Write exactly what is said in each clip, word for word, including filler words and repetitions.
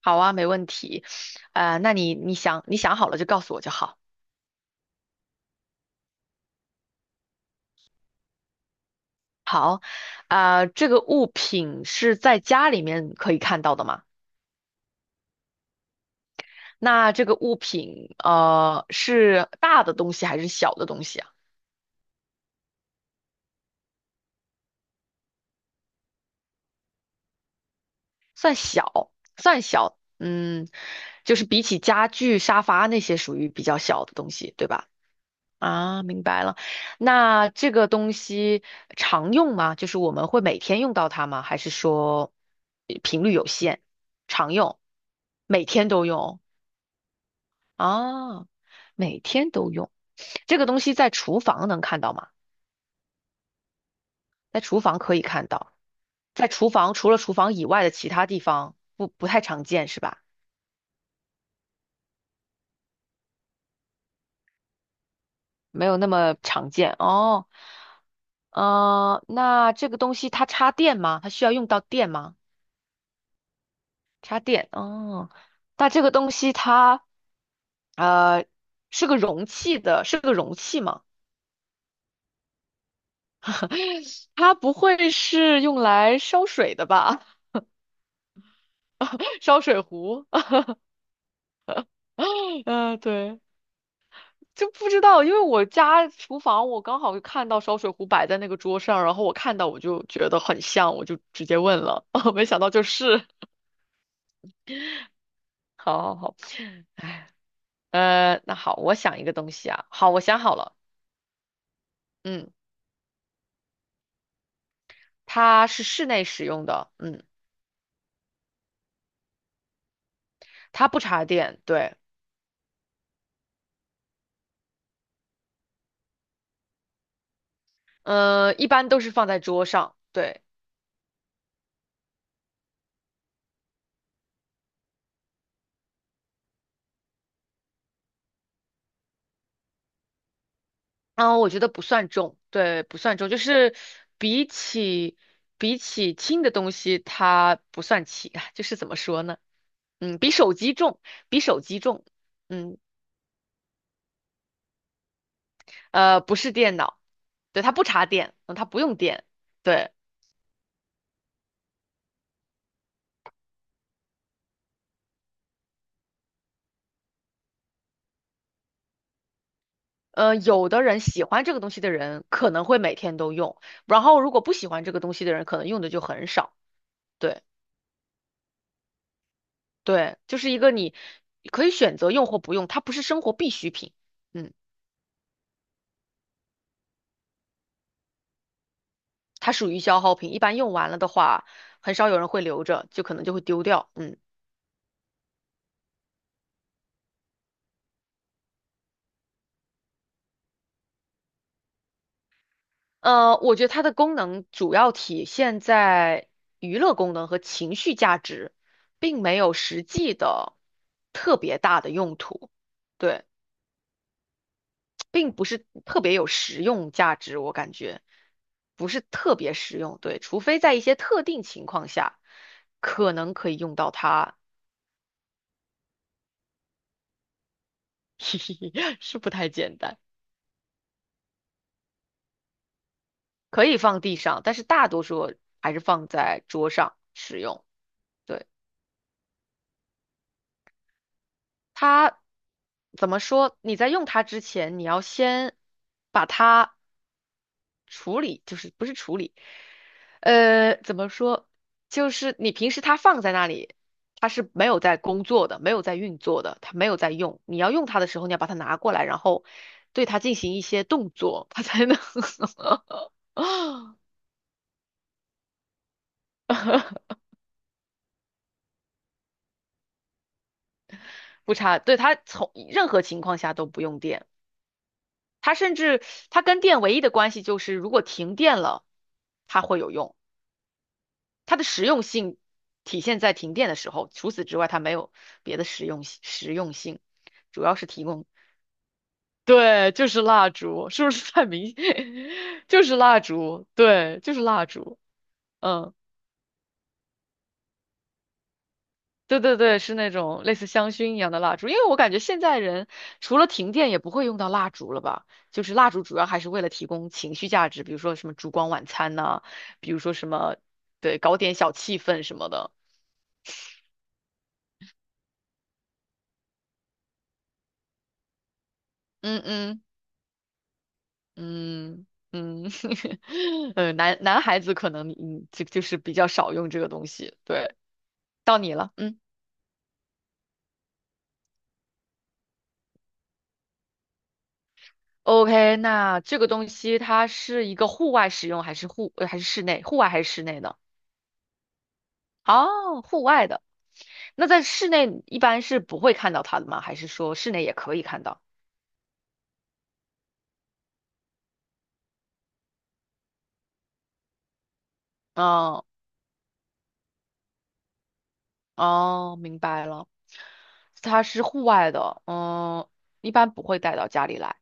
好啊，没问题。呃，那你你想你想好了就告诉我就好。啊、这个物品是在家里面可以看到的吗？那这个物品呃是大的东西还是小的东西啊？小，算小。嗯，就是比起家具、沙发那些属于比较小的东西，对吧？啊，明白了。那这个东西常用吗？就是我们会每天用到它吗？还是说呃频率有限，常用，每天都用？啊，每天都用。这个东西在厨房能看到吗？在厨房可以看到，在厨房除了厨房以外的其他地方不不太常见是吧？没有那么常见哦。呃，那这个东西它插电吗？它需要用到电吗？插电哦，那这个东西它，呃，是个容器的，是个容器吗？它不会是用来烧水的吧？烧水壶，嗯、对，就不知道，因为我家厨房我刚好看到烧水壶摆在那个桌上，然后我看到我就觉得很像，我就直接问了，没想到就是，好好好，呃，那好，我想一个东西啊，好，我想好了，嗯，它是室内使用的，嗯。它不插电，对。呃，一般都是放在桌上，对。然后我觉得不算重，对，不算重，就是比起比起轻的东西，它不算轻，就是怎么说呢？嗯，比手机重，比手机重，嗯，呃，不是电脑，对，它不插电，嗯，它不用电，对。呃，有的人喜欢这个东西的人可能会每天都用，然后如果不喜欢这个东西的人，可能用的就很少。对。对，就是一个你可以选择用或不用，它不是生活必需品，嗯，它属于消耗品，一般用完了的话，很少有人会留着，就可能就会丢掉，嗯，呃，我觉得它的功能主要体现在娱乐功能和情绪价值，并没有实际的特别大的用途，对，并不是特别有实用价值，我感觉不是特别实用，对，除非在一些特定情况下，可能可以用到它。是不太简单，可以放地上，但是大多数还是放在桌上使用。对，它怎么说？你在用它之前，你要先把它处理，就是不是处理，呃，怎么说？就是你平时它放在那里，它是没有在工作的，没有在运作的，它没有在用。你要用它的时候，你要把它拿过来，然后对它进行一些动作，它才能 不插，对，它从任何情况下都不用电，它甚至它跟电唯一的关系就是如果停电了，它会有用，它的实用性体现在停电的时候，除此之外它没有别的实用性实用性，主要是提供。对，就是蜡烛，是不是太明显？就是蜡烛，对，就是蜡烛，嗯。对对对，是那种类似香薰一样的蜡烛，因为我感觉现在人除了停电也不会用到蜡烛了吧？就是蜡烛主要还是为了提供情绪价值，比如说什么烛光晚餐呐、比如说什么，对，搞点小气氛什么的。嗯嗯嗯嗯，呃，男男孩子可能嗯就就是比较少用这个东西。对，到你了，嗯，OK，那这个东西它是一个户外使用还是户呃还是室内？户外还是室内的？哦，户外的。那在室内一般是不会看到它的吗？还是说室内也可以看到？哦哦，明白了，它是户外的，嗯，一般不会带到家里来。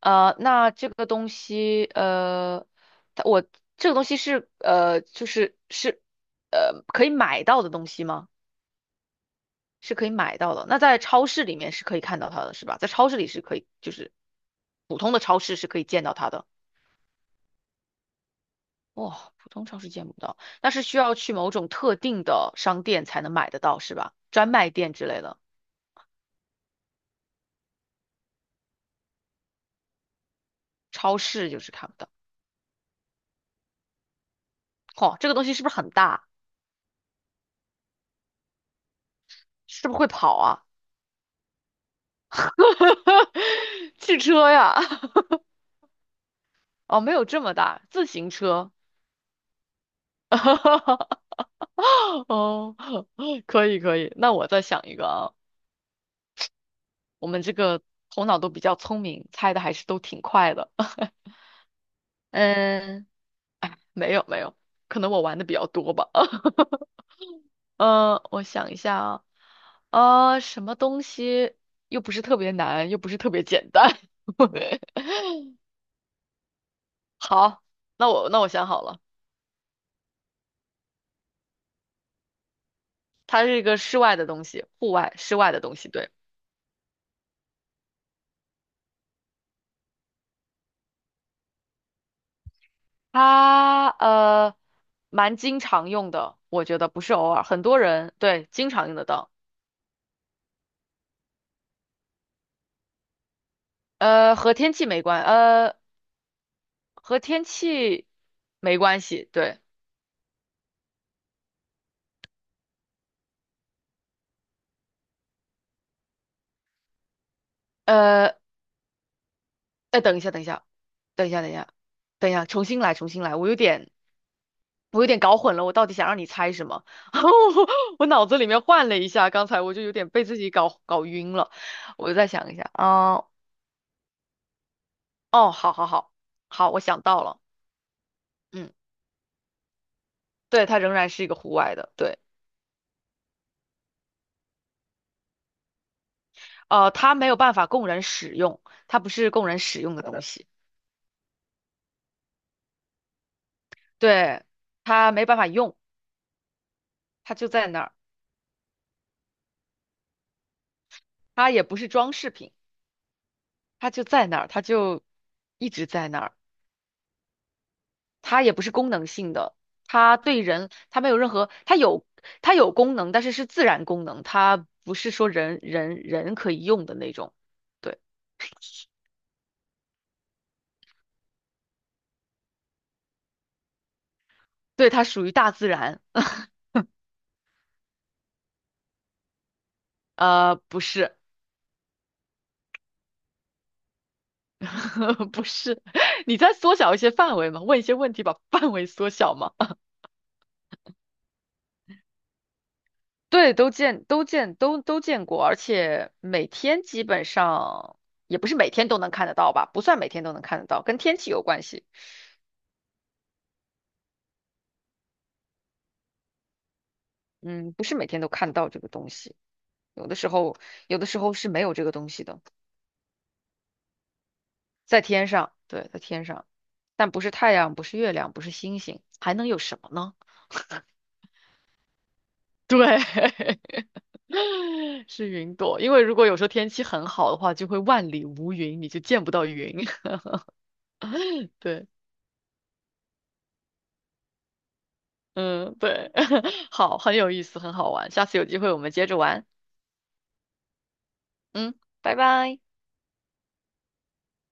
呃，那这个东西，呃，它我这个东西是呃，就是是呃，可以买到的东西吗？是可以买到的。那在超市里面是可以看到它的，是吧？在超市里是可以，就是普通的超市是可以见到它的。哇，普通超市见不到，那是需要去某种特定的商店才能买得到，是吧？专卖店之类的，超市就是看不到。哦，这个东西是不是很大？是不是会跑啊？汽车呀？哦，没有这么大，自行车。哦，可以可以，那我再想一个啊。我们这个头脑都比较聪明，猜的还是都挺快的。嗯，哎，没有没有，可能我玩的比较多吧。呃，我想一下啊，呃，什么东西又不是特别难，又不是特别简单？好，那我那我想好了，它是一个室外的东西，户外室外的东西，对，它呃蛮经常用的，我觉得不是偶尔，很多人对经常用得到，呃，和天气没关，呃，和天气没关系，对，呃，哎，等一下，等一下，等一下，等一下，等一下，重新来，重新来，我有点。我有点搞混了，我到底想让你猜什么？我我脑子里面换了一下，刚才我就有点被自己搞搞晕了，我就再想一下，啊、哦，好好好，好，我想到了，嗯，对，它仍然是一个户外的，对，呃，它没有办法供人使用，它不是供人使用的东西，对，它没办法用，它就在那儿，它也不是装饰品，它就在那儿，它就一直在那儿。它也不是功能性的，它对人，它没有任何，它有它有功能，但是是自然功能，它不是说人人人可以用的那种。对，对，它属于大自然。呃，不是，不是，你在缩小一些范围嘛，问一些问题，把范围缩小嘛，对，都见都见都都见过，而且每天基本上也不是每天都能看得到吧，不算每天都能看得到，跟天气有关系。嗯，不是每天都看到这个东西。有的时候，有的时候是没有这个东西的，在天上，对，在天上，但不是太阳，不是月亮，不是星星，还能有什么呢？对，是云朵。因为如果有时候天气很好的话，就会万里无云，你就见不到云。对，嗯，对，好，很有意思，很好玩。下次有机会我们接着玩。嗯，拜拜。